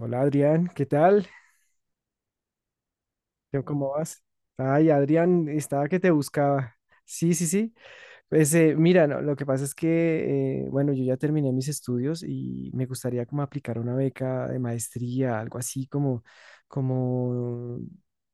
Hola Adrián, ¿qué tal? ¿Yo cómo vas? Ay, Adrián, estaba que te buscaba. Sí, sí, sí. Pues mira, no, lo que pasa es que, bueno, yo ya terminé mis estudios y me gustaría como aplicar una beca de maestría, algo así como,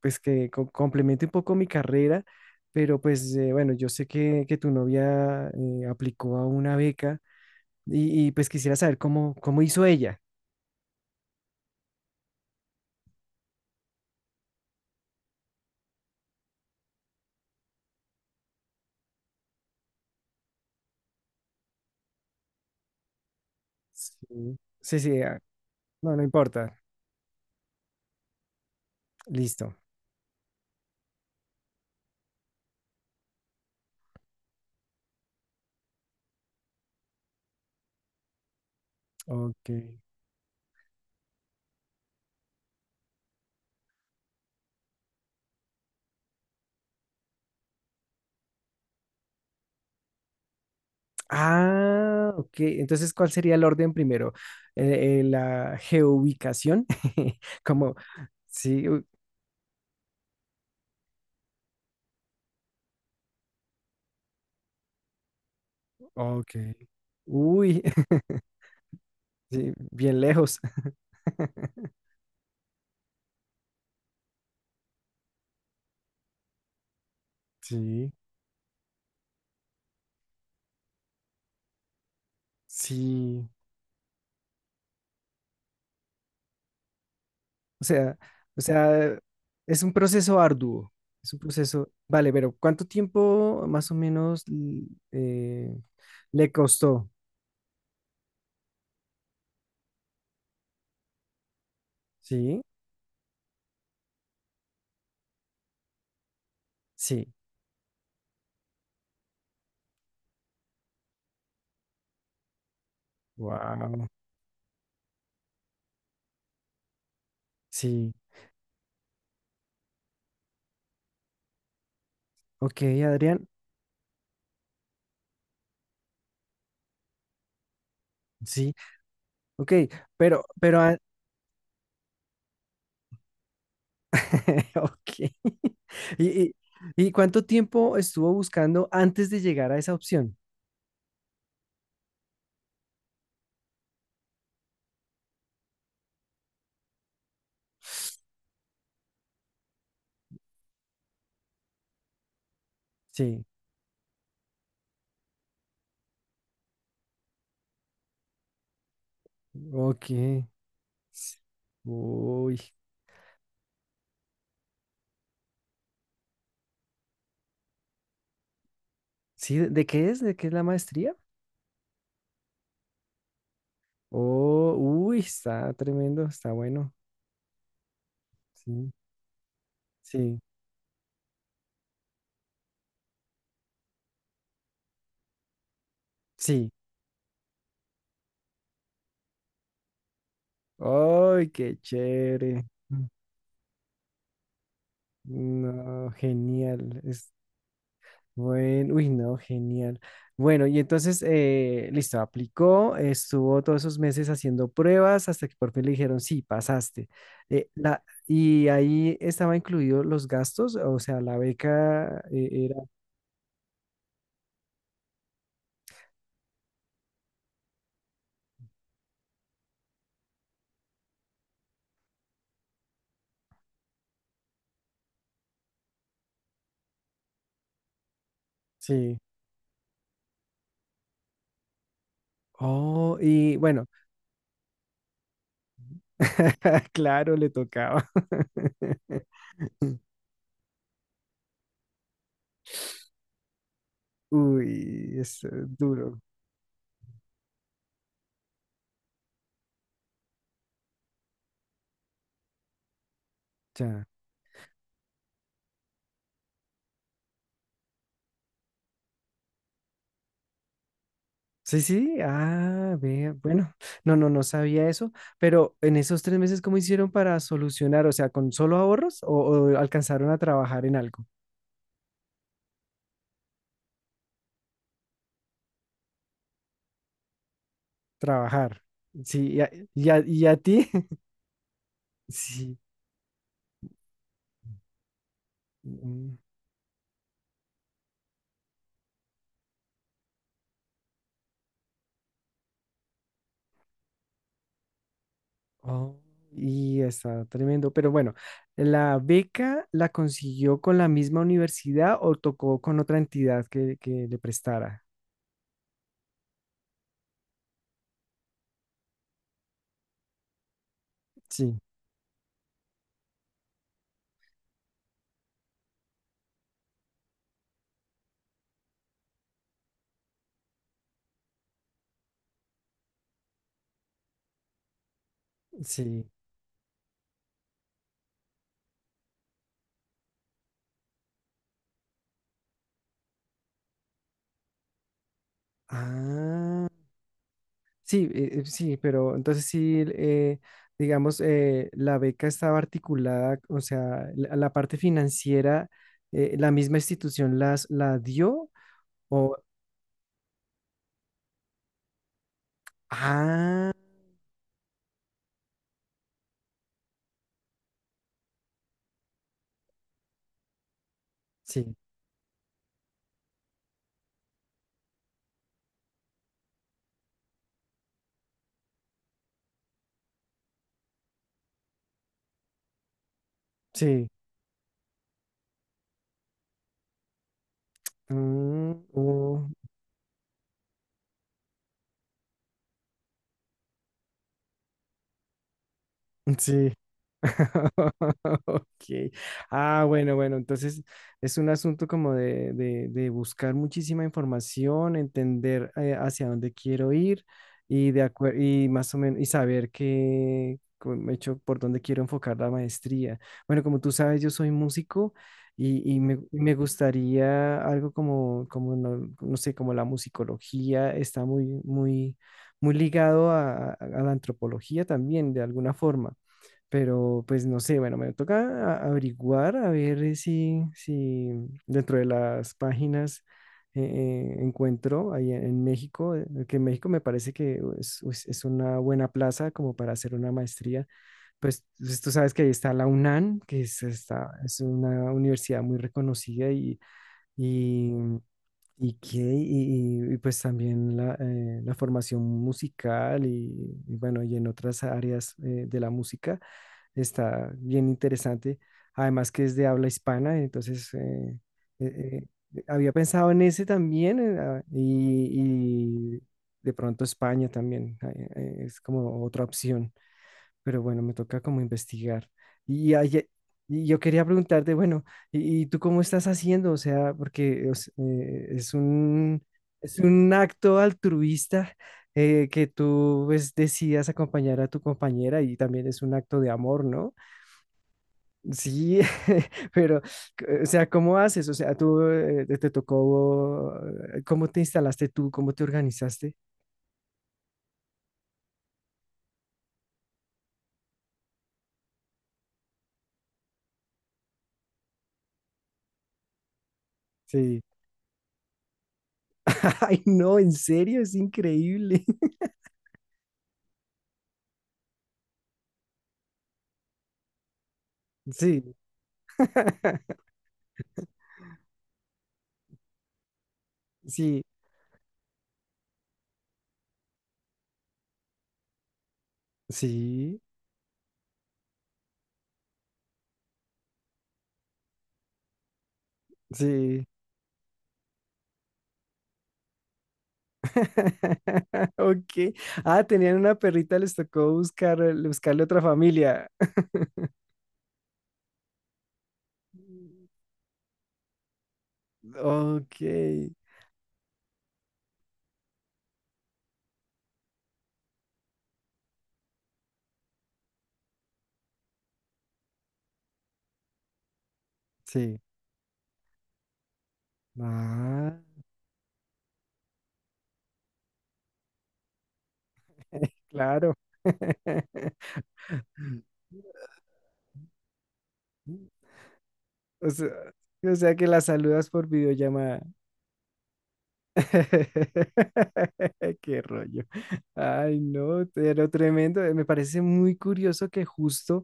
pues que complemente un poco mi carrera, pero pues bueno, yo sé que tu novia aplicó a una beca pues quisiera saber cómo hizo ella. Sí, sí, sí, ah, no, no importa. Listo. Ok. Ah, ok. Entonces, ¿cuál sería el orden primero? La geoubicación. Como, sí, ok. Uy, sí, bien lejos. Sí, sí. O sea, o sea, es un proceso arduo. Es un proceso. Vale, pero ¿cuánto tiempo más o menos eh, le costó? Sí, sí. Wow. Sí. Ok, Adrián. Sí. Ok, pero, pero, an- ok. ¿Y, y, y cuánto tiempo estuvo buscando antes de llegar a esa opción? Sí, ok. S- Uy, sí, ¿de qué es? ¿De qué es la maestría? Oh, uy, está tremendo, está bueno. Sí, sí, sí. ¡Ay, qué chévere! No, genial. Bueno, uy, no, genial. Bueno, y entonces, listo, aplicó, estuvo todos esos meses haciendo pruebas hasta que por fin le dijeron, sí, pasaste. Y ahí estaba incluido los gastos, o sea, la beca era, sí. Oh, y bueno, claro, le tocaba. Uy, es duro. Ya. Sí, sí, ah, ve, bueno, no, no, no sabía eso, pero en esos tres meses, ¿cómo hicieron para solucionar? O sea, ¿con solo ahorros o alcanzaron a trabajar en algo? Trabajar, sí, y a ti, sí. Mm, oh, y está tremendo, pero bueno, ¿la beca la consiguió con la misma universidad o tocó con otra entidad que le prestara? Sí, sí. Ah, sí, sí, pero entonces sí, digamos, la beca estaba articulada, o sea, la parte financiera, la misma institución la dio, o, ah, sí, sí, mm, oh, sí, ok. Ah, bueno, bueno, entonces es un asunto como de buscar muchísima información, entender hacia dónde quiero ir y y más o menos y saber qué como he hecho por dónde quiero enfocar la maestría. Bueno, como tú sabes, yo soy músico y me gustaría algo como, como no, no sé, como la musicología está muy ligado a a la antropología también, de alguna forma. Pero pues no sé, bueno, me toca averiguar a ver eh, si dentro de las páginas encuentro ahí en México, que en México me parece que es una buena plaza como para hacer una maestría. Pues, pues, tú sabes que ahí está la UNAM, está es una universidad muy reconocida y, y, pues también la formación musical y bueno, y en otras áreas de la música está bien interesante. Además que es de habla hispana, entonces eh, había pensado en ese también ah, y de pronto España también es como otra opción, pero bueno, me toca como investigar. Y, hay- y yo quería preguntarte, bueno, y tú cómo estás haciendo? O sea, porque es un acto altruista que tú pues, decidas acompañar a tu compañera y también es un acto de amor, ¿no? Sí, pero, o sea, ¿cómo haces? O sea, tú te tocó, ¿cómo te instalaste tú? ¿Cómo te organizaste? Sí. Ay, no, en serio, es increíble. Sí, sí, sí, sí. Ok. Ah, tenían una perrita, les tocó buscar, buscarle otra familia. Ok, sí. Ah, claro. O sea, o sea que la saludas por videollamada. Qué rollo. Ay, no, pero tremendo. Me parece muy curioso que justo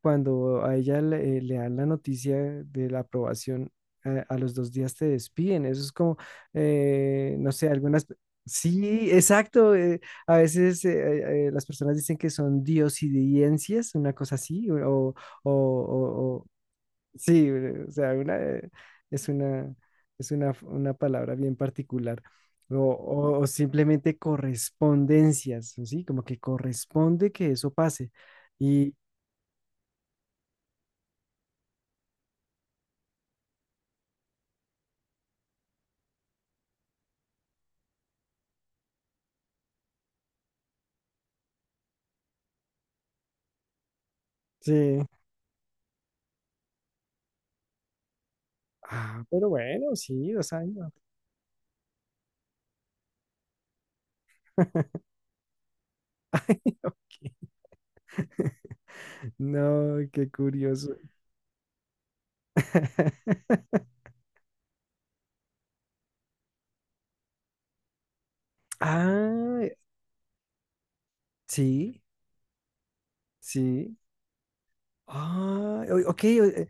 cuando a ella le dan la noticia de la aprobación, a los dos días te despiden. Eso es como, no sé, algunas... Sí, exacto. A veces las personas dicen que son diosidencias, una cosa así, o sí, o sea, una, es una, es una palabra bien particular. O, o simplemente correspondencias, ¿sí? Como que corresponde que eso pase. Y sí, ah, pero bueno, sí, dos años. Ay, ok. No, qué curioso. Ah, sí, sí. Ah, ok.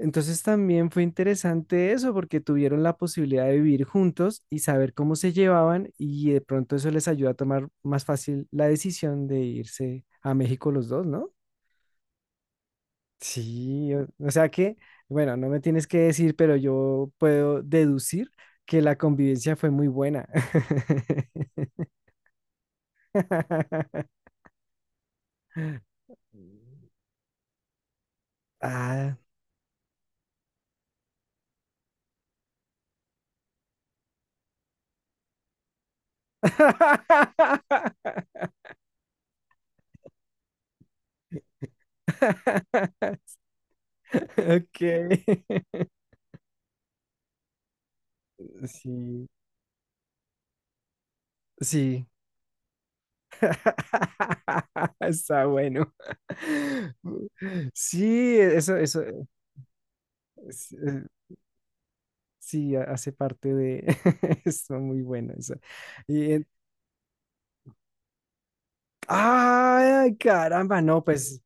Entonces también fue interesante eso porque tuvieron la posibilidad de vivir juntos y saber cómo se llevaban y de pronto eso les ayuda a tomar más fácil la decisión de irse a México los dos, ¿no? Sí, bueno, no me tienes que decir, pero yo puedo deducir que la convivencia fue muy buena. Ah. Ok. Sí, sí. Está bueno. Sí, eso, es- eh, sí, hace parte de, está muy bueno eso. Y, en- ay, caramba, no, pues,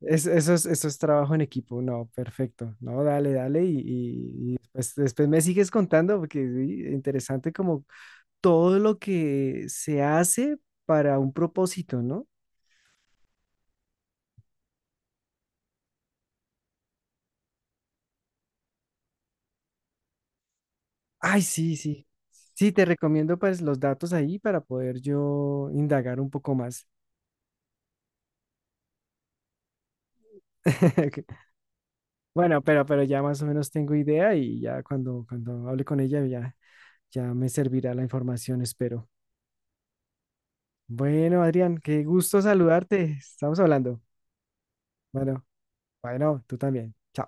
eso es trabajo en equipo, no, perfecto, no, dale, dale, y después, después me sigues contando, porque sí, interesante como todo lo que se hace para un propósito, ¿no? Ay, sí, sí. Sí, te recomiendo pues los datos ahí para poder yo indagar un poco más. Bueno, pero ya más o menos tengo idea y ya cuando hable con ella ya, ya me servirá la información, espero. Bueno, Adrián, qué gusto saludarte. Estamos hablando. Bueno, bueno, tú también. Chao.